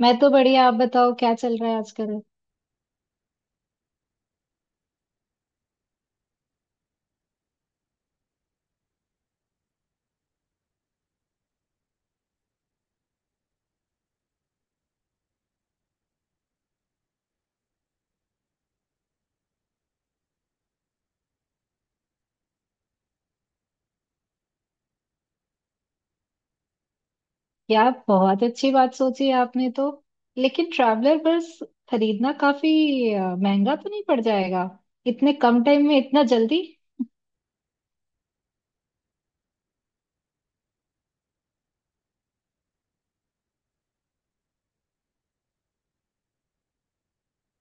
मैं तो बढ़िया। आप बताओ क्या चल रहा है आजकल। यार बहुत अच्छी बात सोची आपने तो। लेकिन ट्रैवलर बस खरीदना काफी महंगा तो नहीं पड़ जाएगा? इतने कम टाइम में इतना जल्दी?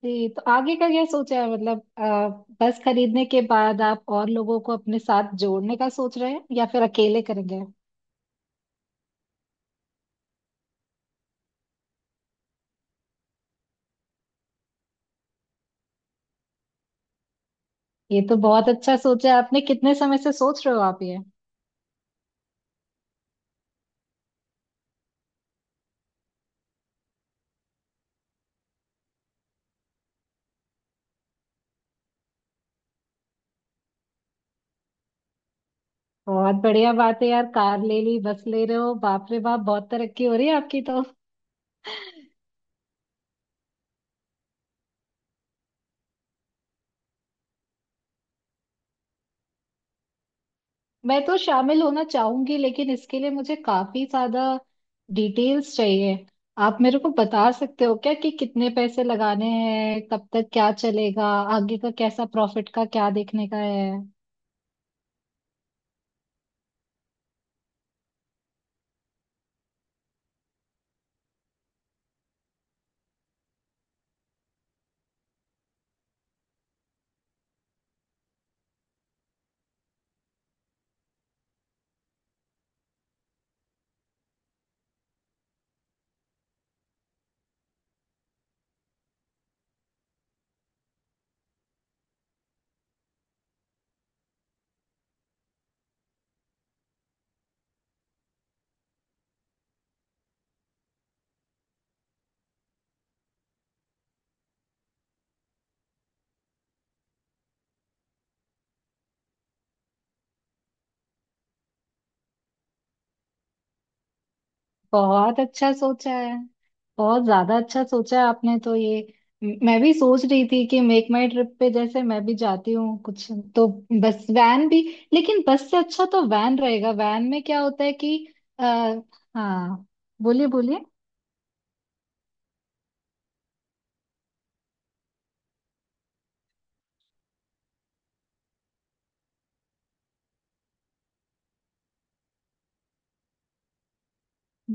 जी तो आगे का क्या सोचा है? मतलब बस खरीदने के बाद आप और लोगों को अपने साथ जोड़ने का सोच रहे हैं या फिर अकेले करेंगे? ये तो बहुत अच्छा सोचा है आपने। कितने समय से सोच रहे हो आप ये? बहुत बढ़िया बात है यार। कार ले ली, बस ले रहे हो, बाप रे बाप, बहुत तरक्की हो रही है आपकी तो। मैं तो शामिल होना चाहूंगी लेकिन इसके लिए मुझे काफी ज्यादा डिटेल्स चाहिए। आप मेरे को बता सकते हो क्या कि कितने पैसे लगाने हैं, कब तक क्या चलेगा, आगे का कैसा प्रॉफिट का क्या देखने का है? बहुत अच्छा सोचा है। बहुत ज्यादा अच्छा सोचा है आपने तो ये। मैं भी सोच रही थी कि मेक माई ट्रिप पे जैसे मैं भी जाती हूँ कुछ। तो बस वैन भी। लेकिन बस से अच्छा तो वैन रहेगा। वैन में क्या होता है कि आ, हाँ, बोलिए बोलिए।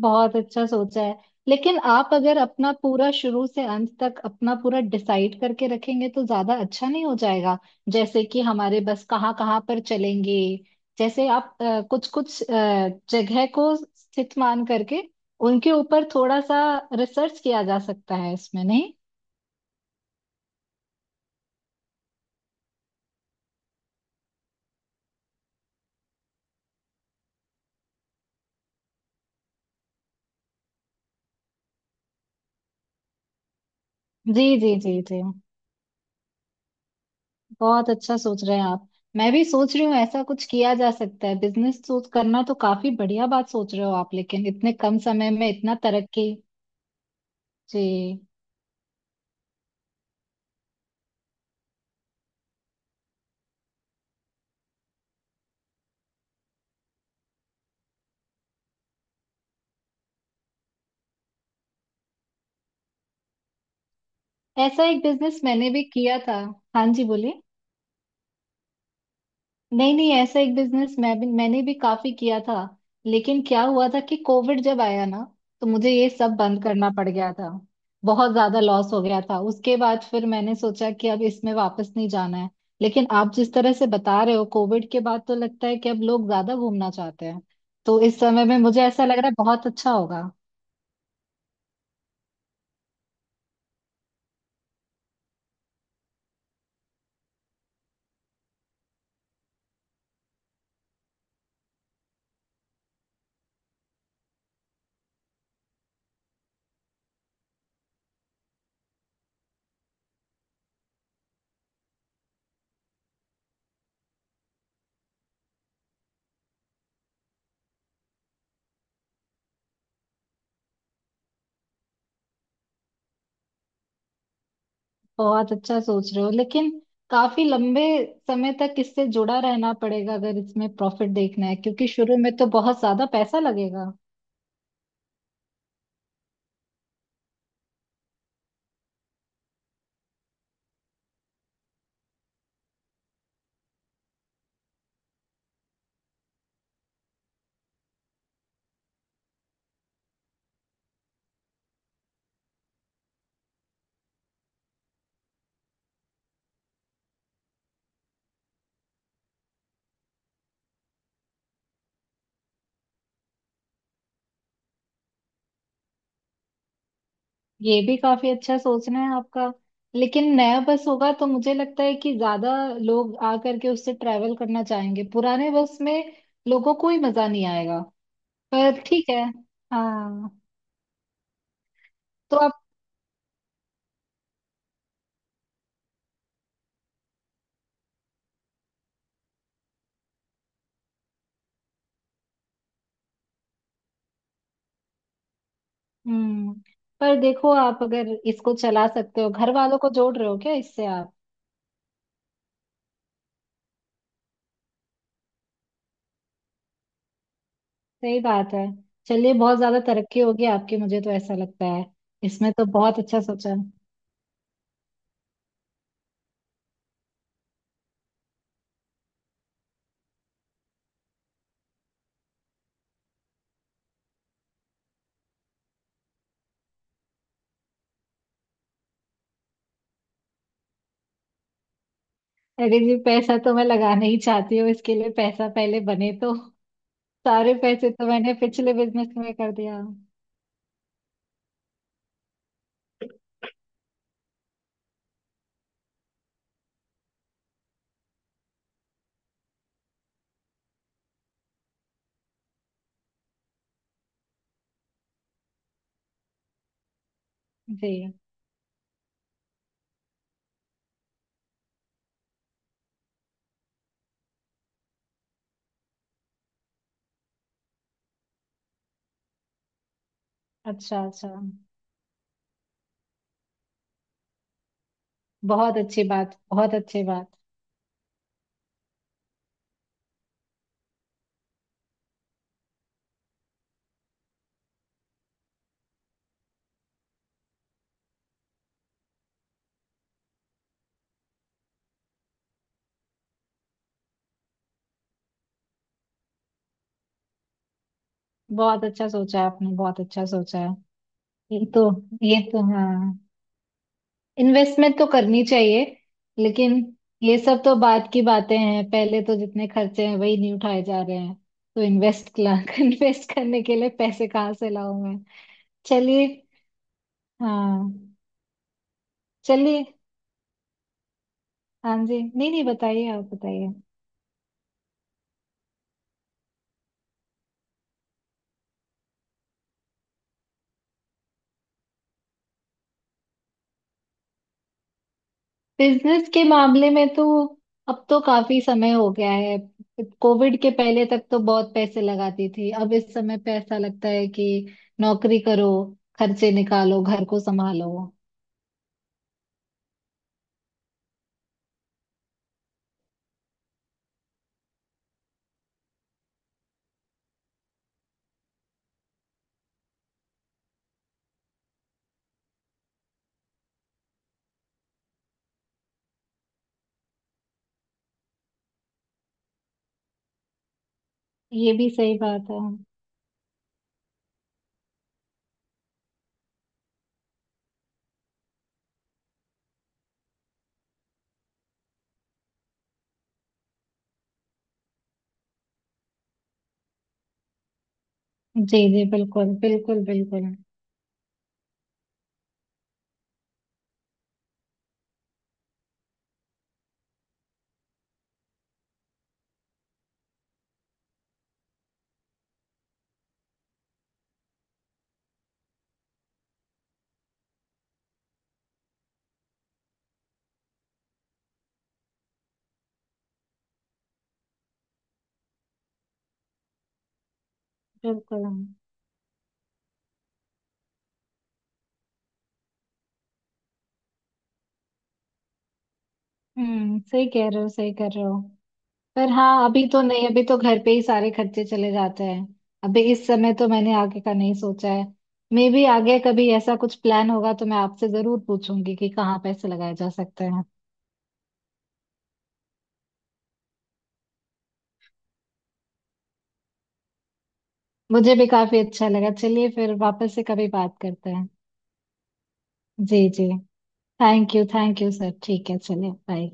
बहुत अच्छा सोचा है। लेकिन आप अगर अपना पूरा शुरू से अंत तक अपना पूरा डिसाइड करके रखेंगे तो ज्यादा अच्छा नहीं हो जाएगा? जैसे कि हमारे बस कहाँ कहाँ पर चलेंगे। जैसे आप कुछ कुछ जगह को स्थित मान करके उनके ऊपर थोड़ा सा रिसर्च किया जा सकता है इसमें, नहीं? जी जी जी जी। बहुत अच्छा सोच रहे हैं आप। मैं भी सोच रही हूँ ऐसा कुछ किया जा सकता है। बिजनेस सोच करना तो काफी बढ़िया बात सोच रहे हो आप, लेकिन इतने कम समय में इतना तरक्की। जी, ऐसा एक बिजनेस मैंने भी किया था। हाँ जी बोलिए। नहीं नहीं, ऐसा एक बिजनेस मैं भी, मैंने भी काफी किया था। लेकिन क्या हुआ था कि कोविड जब आया ना, तो मुझे ये सब बंद करना पड़ गया था। बहुत ज्यादा लॉस हो गया था। उसके बाद फिर मैंने सोचा कि अब इसमें वापस नहीं जाना है। लेकिन आप जिस तरह से बता रहे हो, कोविड के बाद तो लगता है कि अब लोग ज्यादा घूमना चाहते हैं। तो इस समय में मुझे ऐसा लग रहा है बहुत अच्छा होगा। बहुत अच्छा सोच रहे हो, लेकिन काफी लंबे समय तक इससे जुड़ा रहना पड़ेगा अगर इसमें प्रॉफिट देखना है, क्योंकि शुरू में तो बहुत ज्यादा पैसा लगेगा। ये भी काफी अच्छा सोचना है आपका। लेकिन नया बस होगा तो मुझे लगता है कि ज्यादा लोग आ करके उससे ट्रैवल करना चाहेंगे। पुराने बस में लोगों को ही मजा नहीं आएगा। पर ठीक है, हाँ। तो आप। हम्म। पर देखो, आप अगर इसको चला सकते हो, घर वालों को जोड़ रहे हो क्या इससे आप? सही बात है। चलिए, बहुत ज्यादा तरक्की होगी आपकी, मुझे तो ऐसा लगता है। इसमें तो बहुत अच्छा सोचा। अरे जी, पैसा तो मैं लगाना ही चाहती हूँ, इसके लिए पैसा पहले बने तो। सारे पैसे तो मैंने पिछले बिजनेस में कर दिया। जी, अच्छा अच्छा। बहुत अच्छी बात, बहुत अच्छी बात। बहुत अच्छा सोचा आपने, बहुत अच्छा सोचा। ये तो, ये तो हाँ, इन्वेस्टमेंट तो करनी चाहिए। लेकिन ये सब तो बाद की बातें हैं। पहले तो जितने खर्चे हैं वही नहीं उठाए जा रहे हैं। तो इन्वेस्ट इन्वेस्ट करने के लिए पैसे कहाँ से लाऊं मैं। चलिए। हाँ। चलिए। हाँ जी, नहीं नहीं, बताइए आप, बताइए। बिजनेस के मामले में तो अब तो काफी समय हो गया है। कोविड के पहले तक तो बहुत पैसे लगाती थी। अब इस समय पे ऐसा लगता है कि नौकरी करो, खर्चे निकालो, घर को संभालो। ये भी सही बात है। जी जी, बिल्कुल बिल्कुल बिल्कुल बिल्कुल। हम्म, सही कह रहे हो, सही कर रहे हो। पर हाँ, अभी तो नहीं। अभी तो घर पे ही सारे खर्चे चले जाते हैं। अभी इस समय तो मैंने आगे का नहीं सोचा है। मे भी आगे कभी ऐसा कुछ प्लान होगा तो मैं आपसे जरूर पूछूंगी कि कहाँ पैसे लगाए जा सकते हैं। मुझे भी काफी अच्छा लगा। चलिए, फिर वापस से कभी बात करते हैं। जी जी। Thank you, thank you sir. ठीक है, चलिए, बाय।